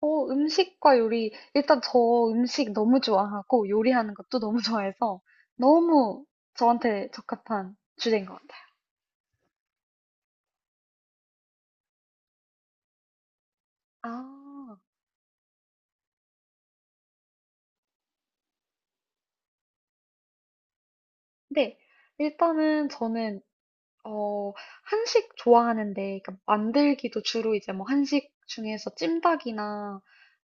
음식과 요리. 일단 저 음식 너무 좋아하고 요리하는 것도 너무 좋아해서 너무 저한테 적합한 주제인 것 같아요. 아, 네. 일단은 저는, 어, 한식 좋아하는데, 그러니까 만들기도 주로 이제 뭐 한식 중에서 찜닭이나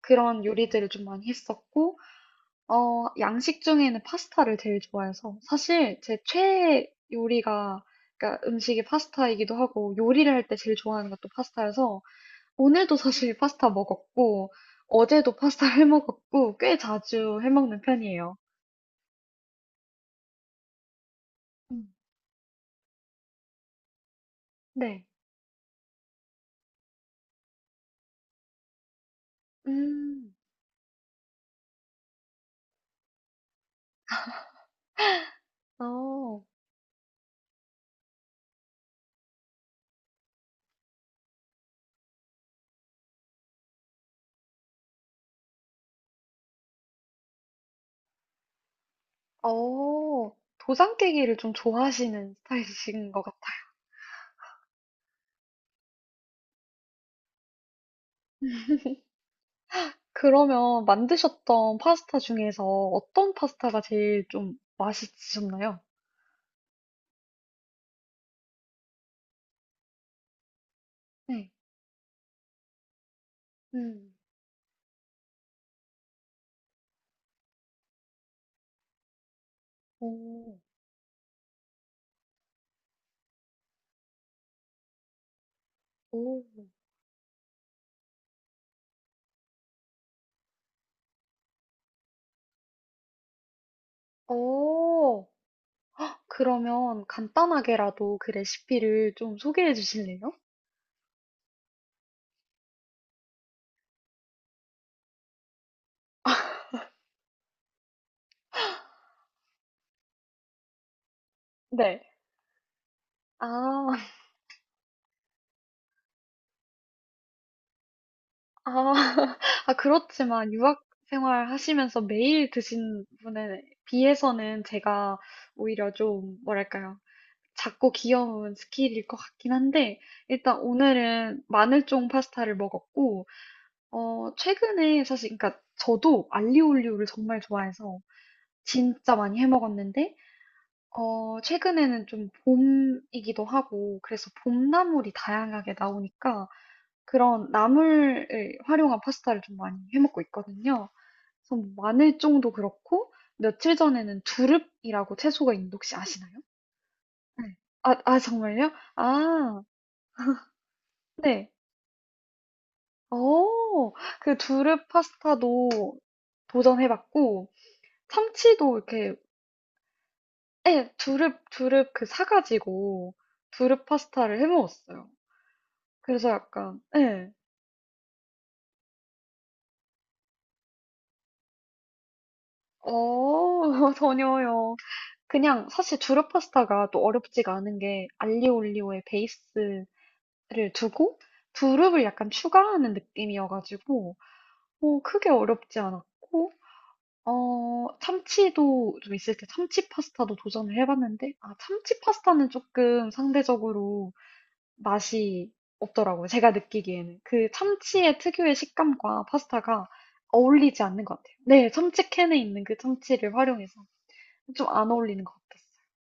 그런 요리들을 좀 많이 했었고, 양식 중에는 파스타를 제일 좋아해서 사실 제 최애 요리가 그러니까 음식이 파스타이기도 하고 요리를 할 때 제일 좋아하는 것도 파스타여서 오늘도 사실 파스타 먹었고, 어제도 파스타 해 먹었고, 꽤 자주 해 먹는 편이에요. 음. 네. 음, 어, 도장깨기를 좀 좋아하시는 스타일이신 것 같아요. 그러면 만드셨던 파스타 중에서 어떤 파스타가 제일 좀 맛있으셨나요? 네. 음, 오, 오, 오. 그러면 간단하게라도 그 레시피를 좀 소개해 주실래요? 네. 아, 아, 아, 그렇지만 유학 생활 하시면서 매일 드신 분에 비해서는 제가 오히려 좀, 뭐랄까요. 작고 귀여운 스킬일 것 같긴 한데, 일단 오늘은 마늘종 파스타를 먹었고, 최근에 사실, 그러니까 저도 알리올리오를 정말 좋아해서 진짜 많이 해 먹었는데, 최근에는 좀 봄이기도 하고, 그래서 봄나물이 다양하게 나오니까, 그런 나물을 활용한 파스타를 좀 많이 해 먹고 있거든요. 그래서 뭐 마늘종도 그렇고 며칠 전에는 두릅이라고 채소가 있는데 혹시 아시나요? 네. 아, 아 정말요? 아 네. 어. 그 두릅 파스타도 도전해 봤고 참치도 이렇게 예 두릅 그 사 가지고 두릅 파스타를 해 먹었어요. 그래서 약간 예. 어. 전혀요. 그냥 사실 두루 파스타가 또 어렵지가 않은 게 알리오 올리오의 베이스를 두고 두릅을 약간 추가하는 느낌이어가지고 뭐 크게 어렵지 않았고 어 참치도 좀 있을 때 참치 파스타도 도전을 해봤는데 아 참치 파스타는 조금 상대적으로 맛이 없더라고요. 제가 느끼기에는 그 참치의 특유의 식감과 파스타가 어울리지 않는 것 같아요. 네, 참치 캔에 있는 그 참치를 활용해서 좀 안 어울리는 것 같았어요.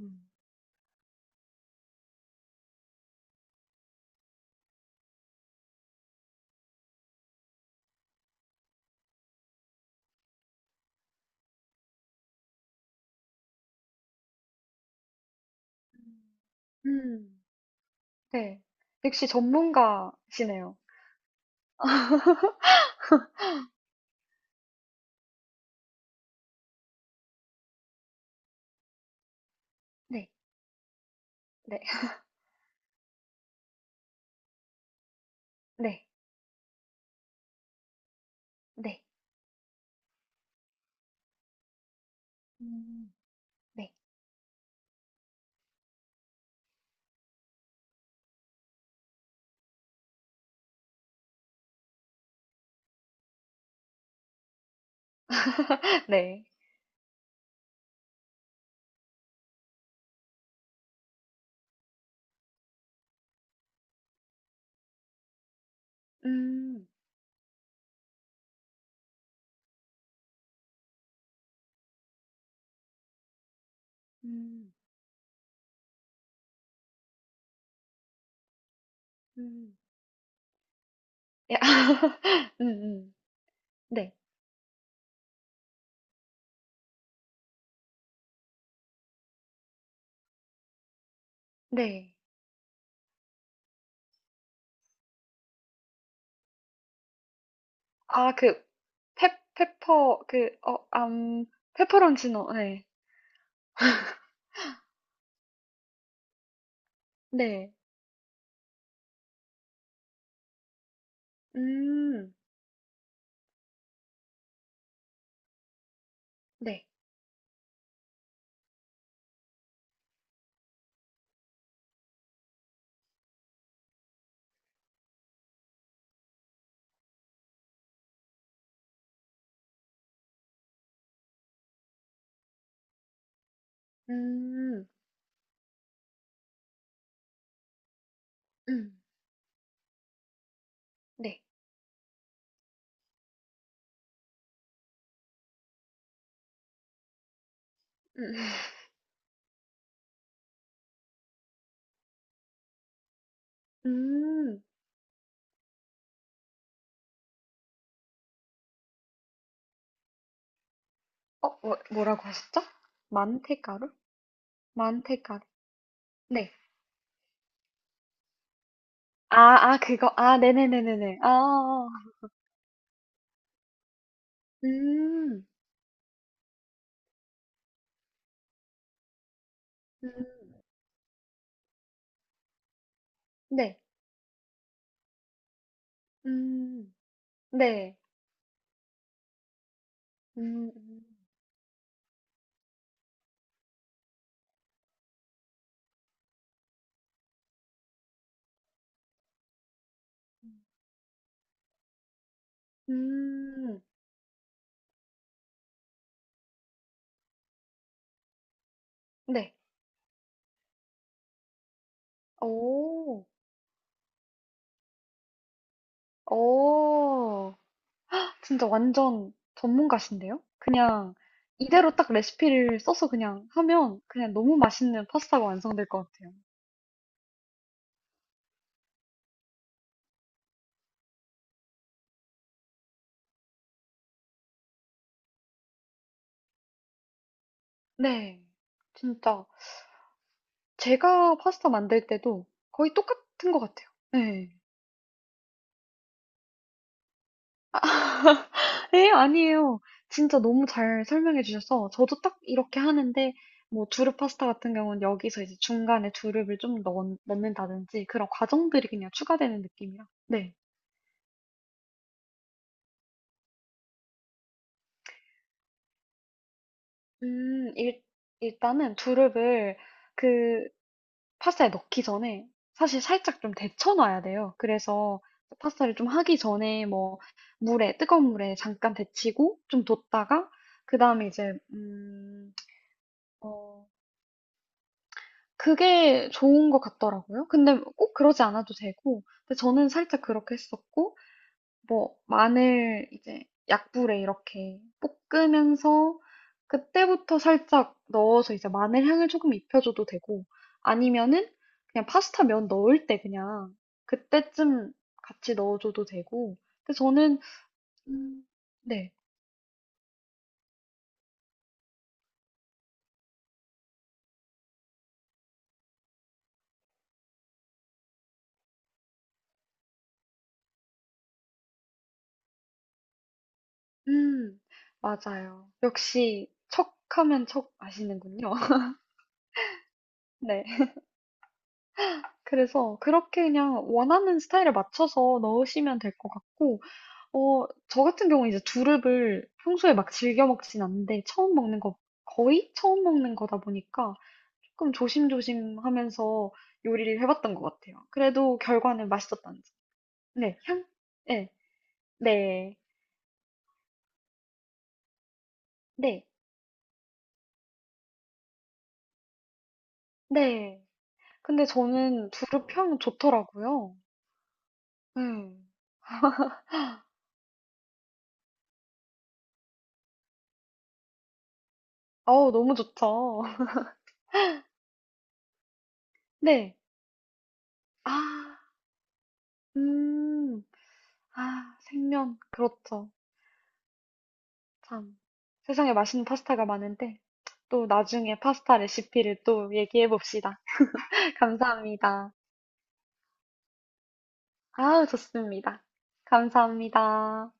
음. 음. 음. 네. 역시 전문가시네요. 네. 네. 네. 네. 음. 네. 네. 음. 음. 음. 야 음 음. 네. 네. 아 그 페 페퍼 그 어 암 페퍼론치노. 네 네. 음. 네. 음. 음. 네. 음. 음. 어 뭐 뭐라고 하셨죠? 만테가루 만테가루 네. 아, 아, 그거. 아, 네네네네네. 아, 아, 아. 음, 음, 네. 음, 네. 음, 음, 음, 음, 네. 오, 오. 진짜 완전 전문가신데요? 그냥 이대로 딱 레시피를 써서 그냥 하면 그냥 너무 맛있는 파스타가 완성될 것 같아요. 네. 진짜. 제가 파스타 만들 때도 거의 똑같은 것 같아요. 네. 에, 아니에요. 진짜 너무 잘 설명해 주셔서 저도 딱 이렇게 하는데 뭐 두릅 파스타 같은 경우는 여기서 이제 중간에 넣는다든지 그런 과정들이 그냥 추가되는 느낌이라. 네. 음, 일, 일단은 두릅을 그 파스타에 넣기 전에 사실 살짝 좀 데쳐놔야 돼요. 그래서 파스타를 좀 하기 전에 뭐 물에, 뜨거운 물에 잠깐 데치고 좀 뒀다가 그 다음에 이제, 어, 그게 좋은 것 같더라고요. 근데 꼭 그러지 않아도 되고, 근데 저는 살짝 그렇게 했었고, 뭐, 마늘 이제 약불에 이렇게 볶으면서, 그때부터 살짝 넣어서 이제 마늘 향을 조금 입혀줘도 되고, 아니면은 그냥 파스타 면 넣을 때 그냥 그때쯤 같이 넣어줘도 되고, 근데 저는, 음, 네, 음, 맞아요. 역시 척하면 척 아시는군요. 네. 그래서 그렇게 그냥 원하는 스타일에 맞춰서 넣으시면 될 것 같고, 저 같은 경우는 이제 두릅을 평소에 막 즐겨 먹진 않는데, 처음 먹는 거, 거의 처음 먹는 거다 보니까 조금 조심조심 하면서 요리를 해봤던 것 같아요. 그래도 결과는 맛있었다는 점. 네, 향? 네, 네, 네, 네. 근데 저는 두릅 향 좋더라고요. 네. 어우, 너무 좋죠. 네. 아, 음. 아, 생면. 그렇죠. 참. 세상에 맛있는 파스타가 많은데, 또 나중에 파스타 레시피를 또 얘기해 봅시다. 감사합니다. 아우, 좋습니다. 감사합니다.